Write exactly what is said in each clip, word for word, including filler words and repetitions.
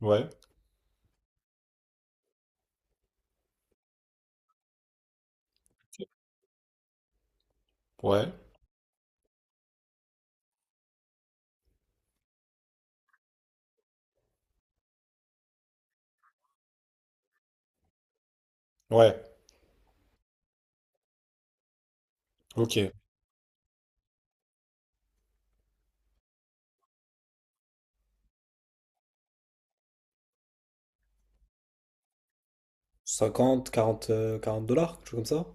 Ouais, ouais, ouais, ok. Cinquante quarante euh, quarante dollars, quelque chose comme ça?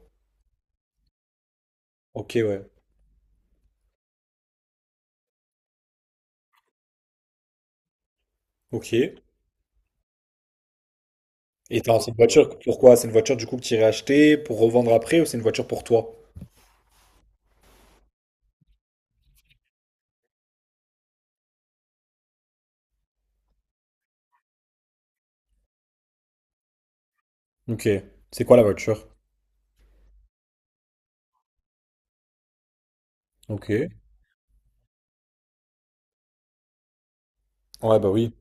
Ok, ouais. Ok. Et t'as cette voiture, pourquoi? C'est une voiture du coup que tu irais acheter pour revendre après ou c'est une voiture pour toi? Ok. C'est quoi la voiture? Ok. Ouais, bah oui.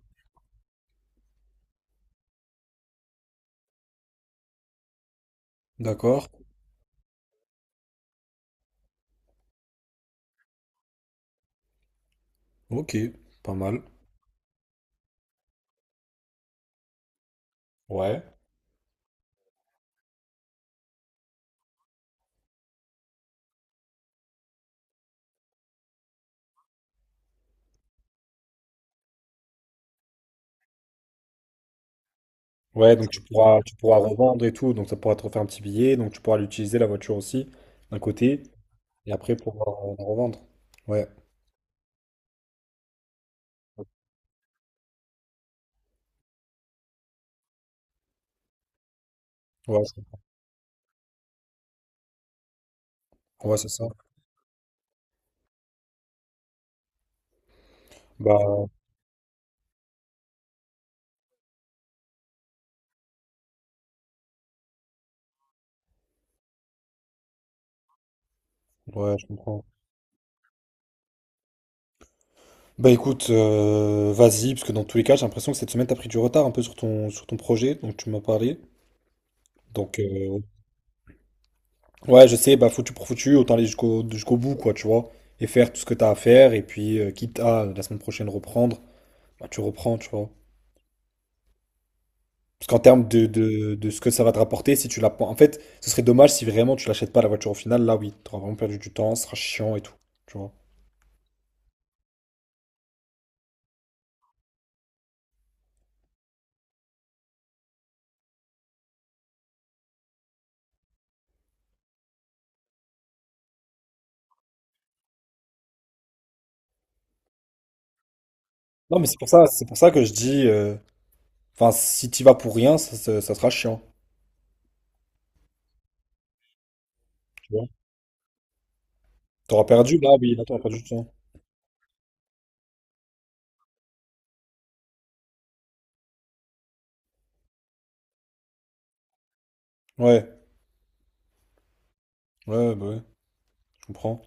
D'accord. Ok. Pas mal. Ouais, ouais, donc tu pourras, tu pourras revendre et tout, donc ça pourra te refaire un petit billet, donc tu pourras l'utiliser la voiture aussi, d'un côté, et après pouvoir euh, la revendre. Ouais, ouais, je- ouais, c'est ça. Bah, ouais, je comprends. Bah écoute, euh, vas-y, parce que dans tous les cas, j'ai l'impression que cette semaine, t'as pris du retard un peu sur ton, sur ton projet donc tu m'as parlé. Donc, euh, ouais, je sais, bah foutu pour foutu, autant aller jusqu'au jusqu'au bout, quoi, tu vois, et faire tout ce que t'as à faire, et puis, euh, quitte à la semaine prochaine reprendre, bah tu reprends, tu vois. Parce qu'en termes de, de, de ce que ça va te rapporter, si tu la... En fait, ce serait dommage si vraiment tu l'achètes pas la voiture au final, là oui, t'auras vraiment perdu du temps, ce sera chiant et tout, tu vois. Non, mais c'est pour ça, c'est pour ça que je dis, euh, enfin, si t'y vas pour rien, ça ça- ça sera chiant. T'auras perdu là, oui, là t'auras perdu du temps. Ouais, ouais, bah ouais, je comprends.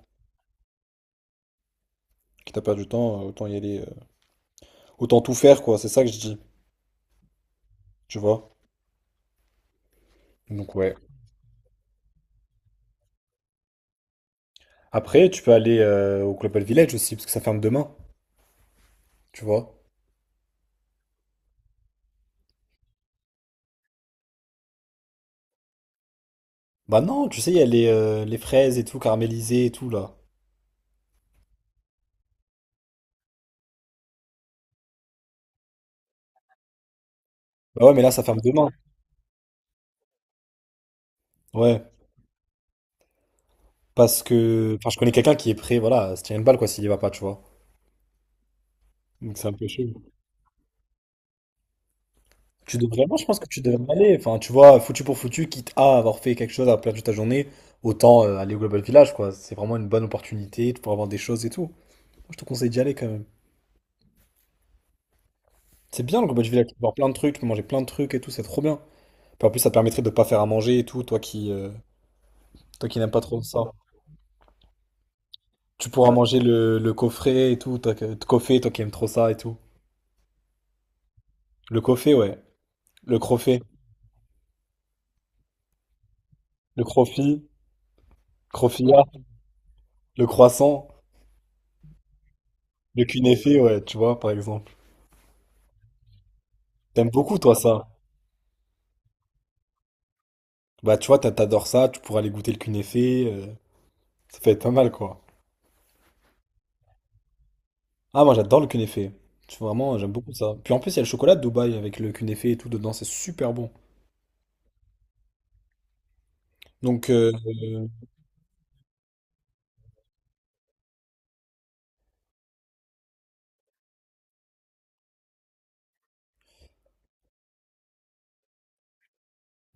Quitte à perdre du temps, euh, autant y aller. euh, Autant tout faire, quoi, c'est ça que je dis, tu vois. Donc ouais. Après, tu peux aller euh, au Global Village aussi, parce que ça ferme demain, tu vois. Bah non, tu sais, il y a les, euh, les fraises et tout, caramélisées et tout, là. Bah ouais, mais là, ça ferme demain. Ouais. Parce que. Enfin, je connais quelqu'un qui est prêt, voilà, à se tirer une balle, quoi, s'il y va pas, tu vois. Donc c'est un peu chaud. Tu devrais, moi je pense que tu devrais aller. Enfin, tu vois, foutu pour foutu, quitte à avoir fait quelque chose à perdre ta journée, autant euh, aller au Global Village, quoi. C'est vraiment une bonne opportunité pour avoir des choses et tout. Moi, je te conseille d'y aller quand même. C'est bien le Global Village, tu peux voir plein de trucs, tu peux manger plein de trucs et tout, c'est trop bien. Puis en plus, ça te permettrait de pas faire à manger et tout, toi qui, euh, toi qui n'aimes pas trop ça. Tu pourras manger le, le coffret et tout, toi, que- le coffret, toi qui aimes trop ça et tout. Le coffret, ouais. Le crofet, le crofi, crofilla, le croissant, le cunéfé, ouais, tu vois, par exemple. T'aimes beaucoup, toi, ça. Bah, tu vois, t'a- t'adores ça, tu pourras aller goûter le cunéfé. Euh, ça peut être pas mal, quoi. Ah, moi, j'adore le cunéfé. Tu vois, vraiment, j'aime beaucoup ça. Puis en plus, il y a le chocolat de Dubaï avec le cunéfé et tout dedans, c'est super bon. Donc, euh, euh,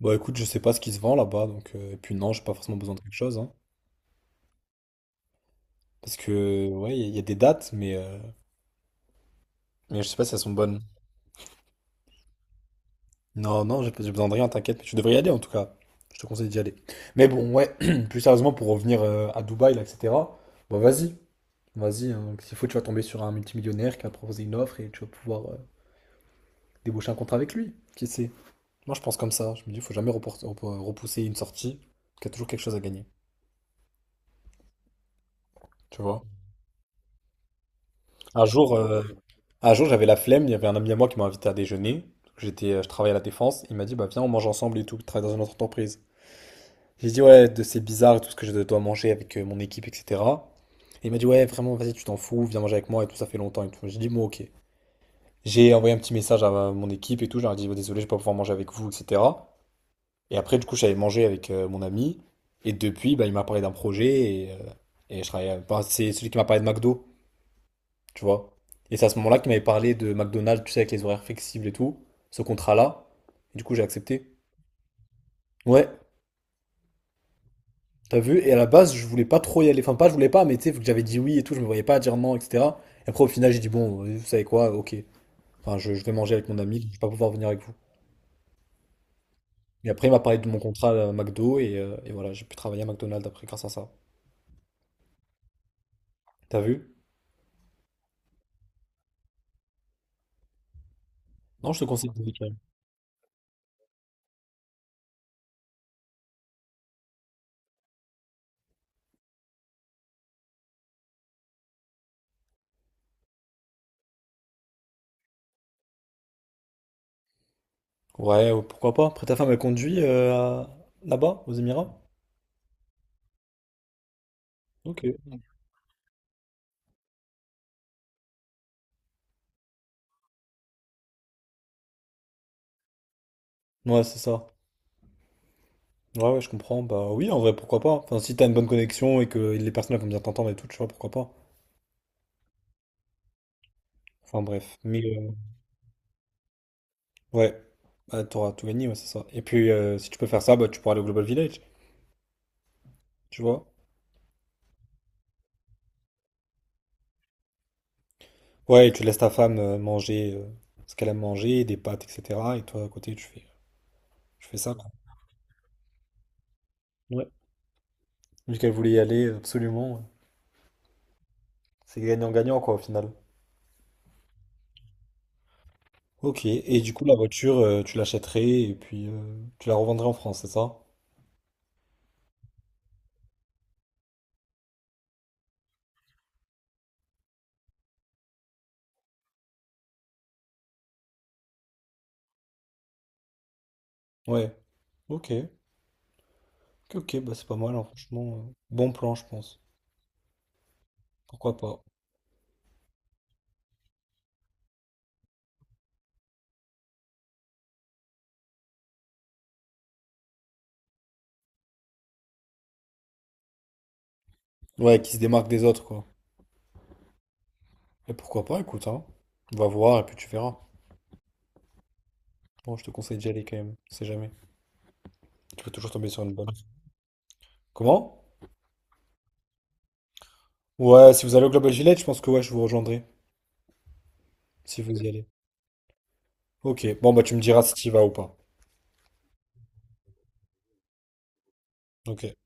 bah, écoute, je sais pas ce qui se vend là-bas. Donc, euh, et puis, non, j'ai pas forcément besoin de quelque chose, hein. Parce que, ouais, il y, a il y a des dates, mais, euh, mais je sais pas si elles sont bonnes. Non, non, j'ai j'ai besoin de rien, t'inquiète. Mais tu devrais y aller en tout cas. Je te conseille d'y aller. Mais bon, ouais, plus sérieusement, pour revenir euh, à Dubaï, là, et cetera. Bah, vas-y. Vas-y, hein. S'il faut, tu vas tomber sur un multimillionnaire qui va te proposer une offre et tu vas pouvoir euh, déboucher un contrat avec lui. Qui sait? Moi, je pense comme ça. Je me dis, il faut jamais repor- repor- repousser une sortie, parce qu'il y a toujours quelque chose à gagner. Tu vois? Un jour, euh, un jour j'avais la flemme, il y avait un ami à moi qui m'a invité à déjeuner. J'étais, euh, je travaillais à la Défense. Il m'a dit, bah viens, on mange ensemble et tout, je travaille dans une autre entreprise. J'ai dit, ouais, de- c'est bizarre et tout ce que je dois manger avec euh, mon équipe, et cetera. Et il m'a dit, ouais, vraiment, vas-y, tu t'en fous, viens manger avec moi et tout, ça fait longtemps et tout. J'ai dit, bon, ok. J'ai envoyé un petit message à ma- mon équipe et tout, je leur ai dit bah, désolé, je vais pas pouvoir manger avec vous, et cetera. Et après, du coup, j'avais mangé avec euh, mon ami. Et depuis, bah, il m'a parlé d'un projet et, euh, et je travaille. À- bah, c'est celui qui m'a parlé de McDo, tu vois. Et c'est à ce moment-là qu'il m'avait parlé de McDonald's, tu sais, avec les horaires flexibles et tout, ce contrat-là. Du coup, j'ai accepté. Ouais, t'as vu? Et à la base, je voulais pas trop y aller. Enfin, pas, je voulais pas, mais tu sais, vu que j'avais dit oui et tout, je me voyais pas dire non, et cetera. Et après, au final, j'ai dit bon, euh, vous savez quoi, ok. Enfin, je, je vais manger avec mon ami, je vais pas pouvoir venir avec vous. Et après, il m'a parlé de mon contrat à McDo et, euh, et voilà, j'ai pu travailler à McDonald's après grâce à ça. T'as vu? Non, je te conseille de quand. Ouais, euh, pourquoi pas. Après, ta femme, elle conduit euh, à- là-bas, aux Émirats? Ok. Ouais, c'est ça. Ouais, ouais, je comprends. Bah oui, en vrai, pourquoi pas. Enfin, si t'as une bonne connexion et que les personnes elles vont bien t'entendre et tout, tu vois, pourquoi pas. Enfin, bref. Mais euh, ouais, bah, t'auras tout gagné, ouais, c'est ça. Et puis, euh, si tu peux faire ça, bah, tu pourras aller au Global Village, tu vois. Ouais, et tu laisses ta femme euh, manger euh, ce qu'elle aime manger, des pâtes, et cetera. Et toi, à côté, tu fais, tu fais ça, quoi. Vu qu'elle voulait y aller absolument. C'est gagnant-gagnant quoi au final. Ok, et du coup la voiture, euh, tu l'achèterais et puis euh, tu la revendrais en France, c'est ça? Ouais, ok. Ok, ok, bah c'est pas mal, hein, franchement. Euh, bon plan, je pense. Pourquoi pas? Ouais, qui se démarque des autres, quoi. Et pourquoi pas, écoute, hein. On va voir et puis tu verras. Bon, je te conseille d'y aller quand même, on sait jamais. Tu peux toujours tomber sur une bonne. Comment? Ouais, si vous allez au Global Village, je pense que ouais, je vous rejoindrai, si vous y allez. Ok, bon bah tu me diras si tu y vas ou pas. Ok?